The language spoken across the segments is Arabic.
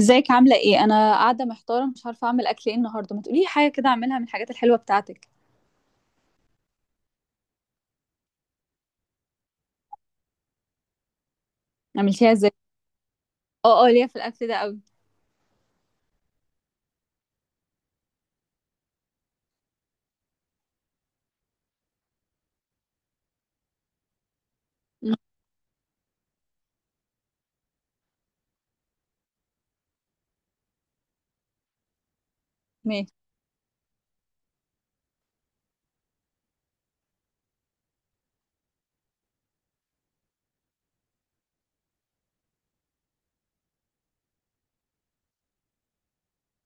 ازيك عاملة ايه؟ أنا قاعدة محتارة، مش عارفة أعمل أكل ايه النهاردة. ما تقولي لي حاجة كده أعملها من الحاجات الحلوة بتاعتك. عملتيها ازاي؟ اه اه، ليا في الأكل ده قوي. مم، ماشي.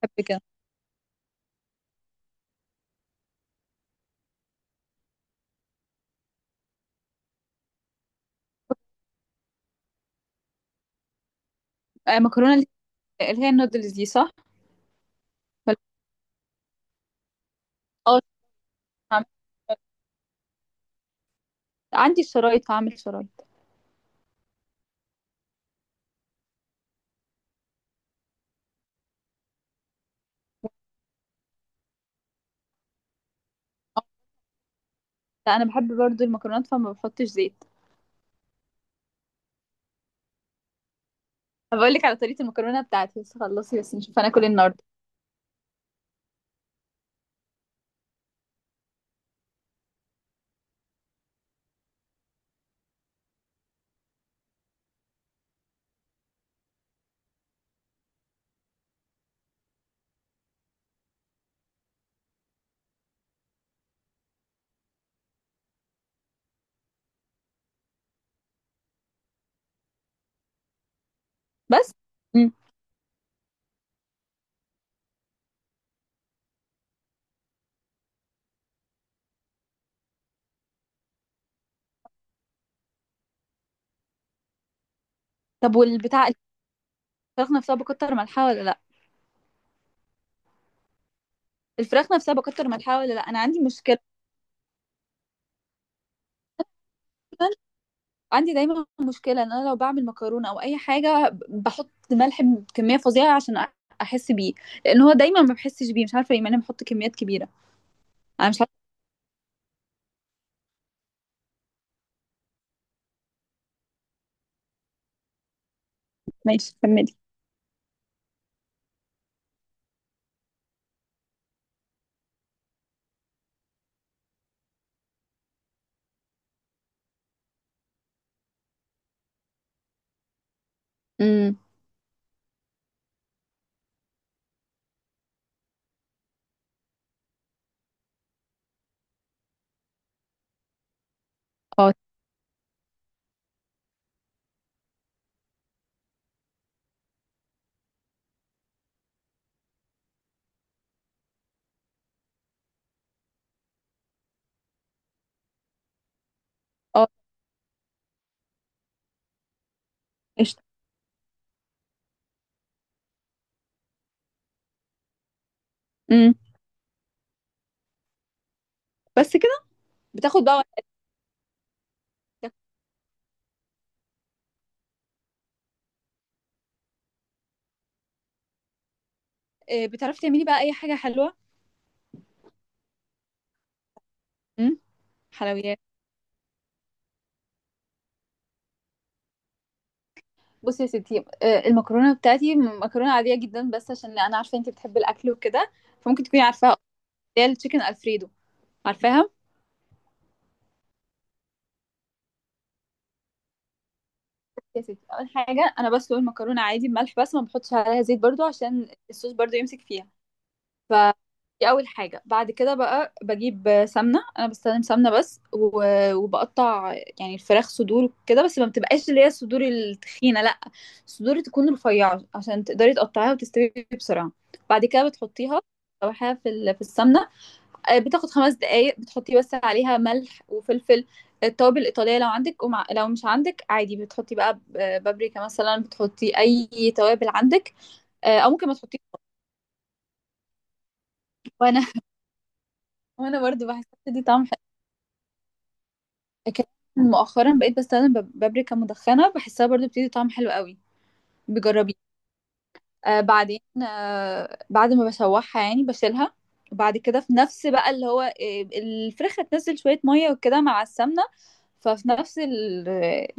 بحب كده. مكرونة اللي هي النودلز دي صح؟ ولا- اه. عم- عندي الشرايط، هعمل شرايط. اه، لا أنا بحب برضو المكرونات فما بحطش زيت. هبقول لك على طريقة المكرونة بتاعتي، بس خلصي بس نشوف هناكل ايه النهاردة. بس. مم. طب والبتاع الفراخ نفسها بكتر ملحها ولا لأ؟ الفراخ نفسها بكتر ملحها ولا لأ؟ أنا عندي مشكلة. عندي دايما مشكلة ان انا لو بعمل مكرونة او اي حاجة بحط ملح بكمية فظيعة عشان احس بيه. لان هو دايما ما بحسش بيه، مش عارفة ليه مع اني بحط كميات كبيرة. انا مش عارفة. ماشي، كملي. امم. اه. اه. قشطة. امم. بس كده. بتاخد بقى وقتك. بتعرفي تعملي بقى اي حاجة حلوة؟ امم. حلويات. بصي يا ستي، المكرونة بتاعتي مكرونة عادية جدا، بس عشان انا عارفة انت بتحبي الاكل وكده فممكن تكوني عارفاها، اللي هي التشيكن الفريدو. عارفاها. يا ستي، اول حاجه انا بسلق المكرونه عادي بملح بس، ما بحطش عليها زيت برضو عشان الصوص برضو يمسك فيها. ف، دي اول حاجه. بعد كده بقى بجيب سمنه، انا بستخدم سمنه بس، وبقطع يعني الفراخ، صدور كده بس ما بتبقاش اللي هي الصدور التخينه، لا. الصدور تكون رفيعه عشان تقدري تقطعيها وتستوي بسرعه. بعد كده بتحطيها، بتشوحيها في في السمنه. بتاخد 5 دقايق. بتحطي بس عليها ملح وفلفل، التوابل الإيطالية لو عندك، ومع لو مش عندك عادي بتحطي بقى بابريكا مثلا، بتحطي أي توابل عندك. أو ممكن ما تحطيش. وأنا وأنا برضو بحس دي طعم حلو. لكن مؤخرا بقيت بستخدم بابريكا مدخنة، بحسها برضو بتدي طعم حلو قوي. بجربي. بعدين، بعد ما بشوحها يعني بشيلها. وبعد كده في نفس بقى اللي هو، الفراخ هتنزل شوية مية وكده مع السمنة. ففي نفس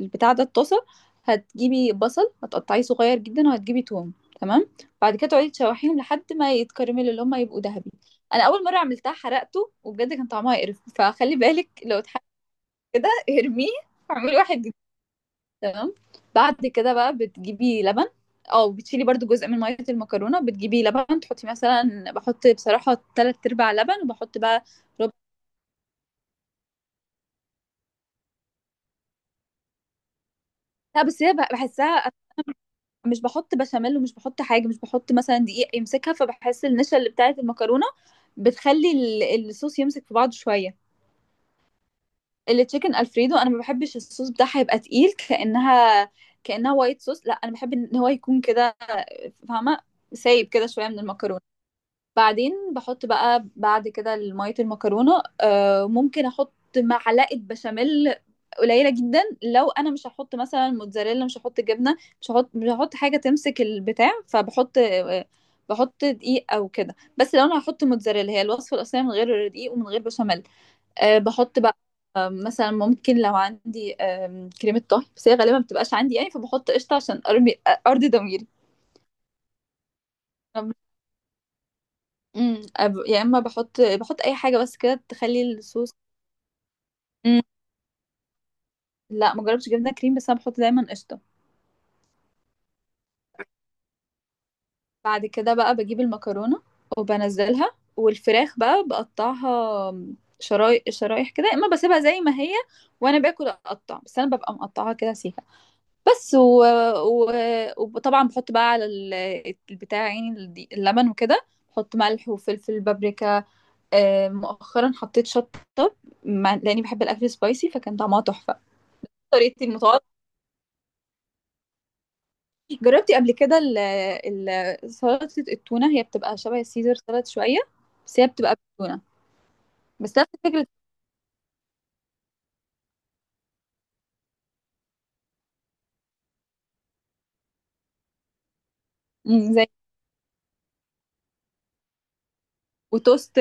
البتاع ده، الطاسة. هتجيبي بصل هتقطعيه صغير جدا، وهتجيبي توم. تمام. بعد كده تقعدي تشوحيهم لحد ما يتكرملوا اللي هما يبقوا ذهبي. انا اول مرة عملتها حرقته وبجد كان طعمها يقرف، فخلي بالك لو اتحرق كده ارميه واعملي واحد. تمام. بعد كده بقى بتجيبي لبن، او بتشيلي برضو جزء من ميه المكرونه، بتجيبي لبن تحطي مثلا، بحط بصراحه تلات ارباع لبن وبحط بقى ربع. لا، بس هي بحسها، مش بحط بشاميل ومش بحط حاجه، مش بحط مثلا دقيق يمسكها، فبحس النشا اللي بتاعت المكرونه بتخلي الصوص يمسك في بعضه شويه. التشيكن الفريدو انا ما بحبش الصوص بتاعها يبقى تقيل كانها، كانها وايت صوص. لا، انا بحب ان هو يكون كده، فاهمه؟ سايب كده شويه من المكرونه. بعدين بحط بقى، بعد كده ميه المكرونه، ممكن احط معلقه بشاميل قليله جدا لو انا مش هحط مثلا موتزاريلا، مش هحط جبنه، مش هحط مش هحط حاجه تمسك البتاع، فبحط بحط دقيق او كده بس. لو انا هحط موتزاريلا هي الوصفه الاصليه من غير دقيق ومن غير بشاميل. بحط بقى، مثلا ممكن لو عندي، كريمه طهي. بس هي غالبا ما بتبقاش عندي يعني، فبحط قشطه عشان ارمي، ارضي ضميري. امم، يا اما بحط، اي حاجه بس كده تخلي الصوص. امم، لا ما جربتش جبنه كريم، بس انا بحط دايما قشطه. بعد كده بقى بجيب المكرونه وبنزلها، والفراخ بقى بقطعها شرايح شرايح كده، يا اما بسيبها زي ما هي وانا باكل اقطع، بس انا ببقى مقطعها كده سيكه بس. و... وطبعا بحط بقى على البتاع يعني، اللبن وكده، بحط ملح وفلفل بابريكا. مؤخرا حطيت شطه، لاني بحب الاكل سبايسي، فكان طعمها تحفه. طريقتي المتواضعة. جربتي قبل كده ال سلطة التونة؟ هي بتبقى شبه السيزر سلطة شوية، بس هي بتبقى بالتونة، بس نفس فكرة. مم، زي. وتوست.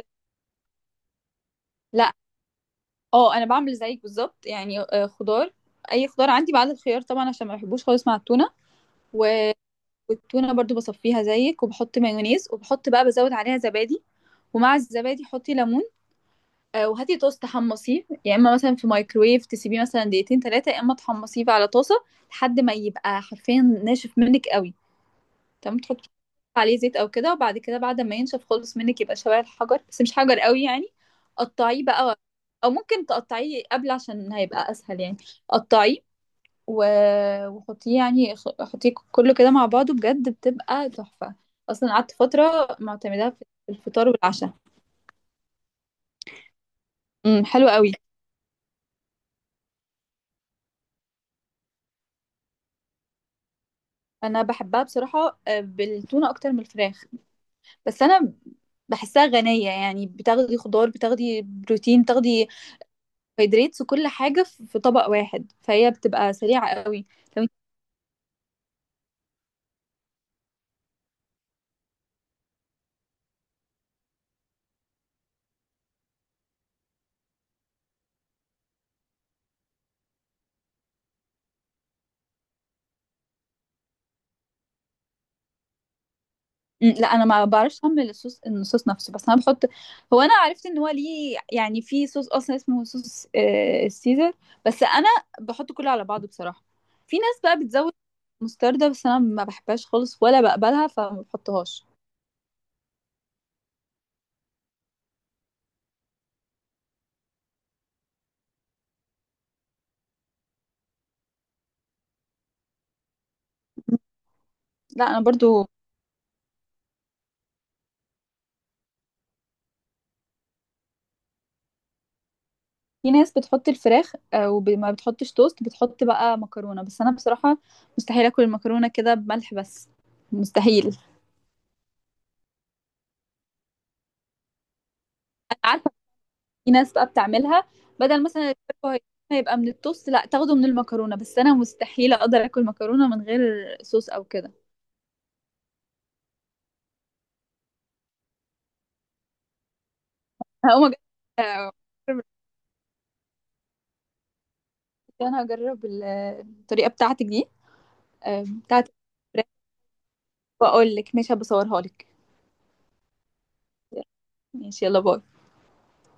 لا. اه، انا بعمل زيك بالظبط يعني، خضار، اي خضار عندي، بعد الخيار طبعا عشان ما بحبوش خالص مع التونة. و- والتونة برضو بصفيها زيك، وبحط مايونيز، وبحط بقى بزود عليها زبادي. ومع الزبادي حطي ليمون. وهاتي طاسة تحمصيه، يا اما مثلا في مايكرويف تسيبيه مثلا دقيقتين 3، يا اما تحمصيه على طاسة لحد ما يبقى حرفيا ناشف منك قوي. تمام، تحطي عليه زيت او كده، وبعد كده بعد ما ينشف خالص منك يبقى شبه الحجر، بس مش حجر قوي يعني. قطعيه بقى، او ممكن تقطعيه قبل عشان هيبقى اسهل يعني. قطعيه، و... وحطيه يعني، حطيه كله كده مع بعضه، بجد بتبقى تحفة، اصلا قعدت فترة معتمداها في الفطار والعشاء. امم. حلو قوي. انا بحبها بصراحه، بالتونه اكتر من الفراخ، بس انا بحسها غنيه يعني، بتاخدي خضار، بتاخدي بروتين، بتاخدي هيدريتس، وكل حاجه في طبق واحد، فهي بتبقى سريعه قوي. لو انت- لا، انا ما بعرفش اعمل الصوص، الصوص نفسه، بس انا بحط، هو انا عرفت ان هو ليه يعني في صوص اصلا اسمه صوص السيزر. بس انا بحط كله على بعضه بصراحه. في ناس بقى بتزود مستردة، بس انا ما بحبهاش خالص ولا بقبلها فما بحطهاش. لا، انا برضو. في ناس بتحط الفراخ، وما بتحطش توست، بتحط بقى مكرونة بس. أنا بصراحة مستحيل أكل المكرونة كده بملح بس، مستحيل. أنا عارفة. في ناس بقى بتعملها بدل مثلا الفراخ، هيبقى من التوست، لا تاخده من المكرونة. بس أنا مستحيل أقدر أكل مكرونة من غير صوص أو كده. هقوم. أجرب. أنا هجرب الطريقة بتاعتك دي، بتاعت الفراخ. وأقول لك. ماشي، هبصورها لك. ماشي، يلا باي.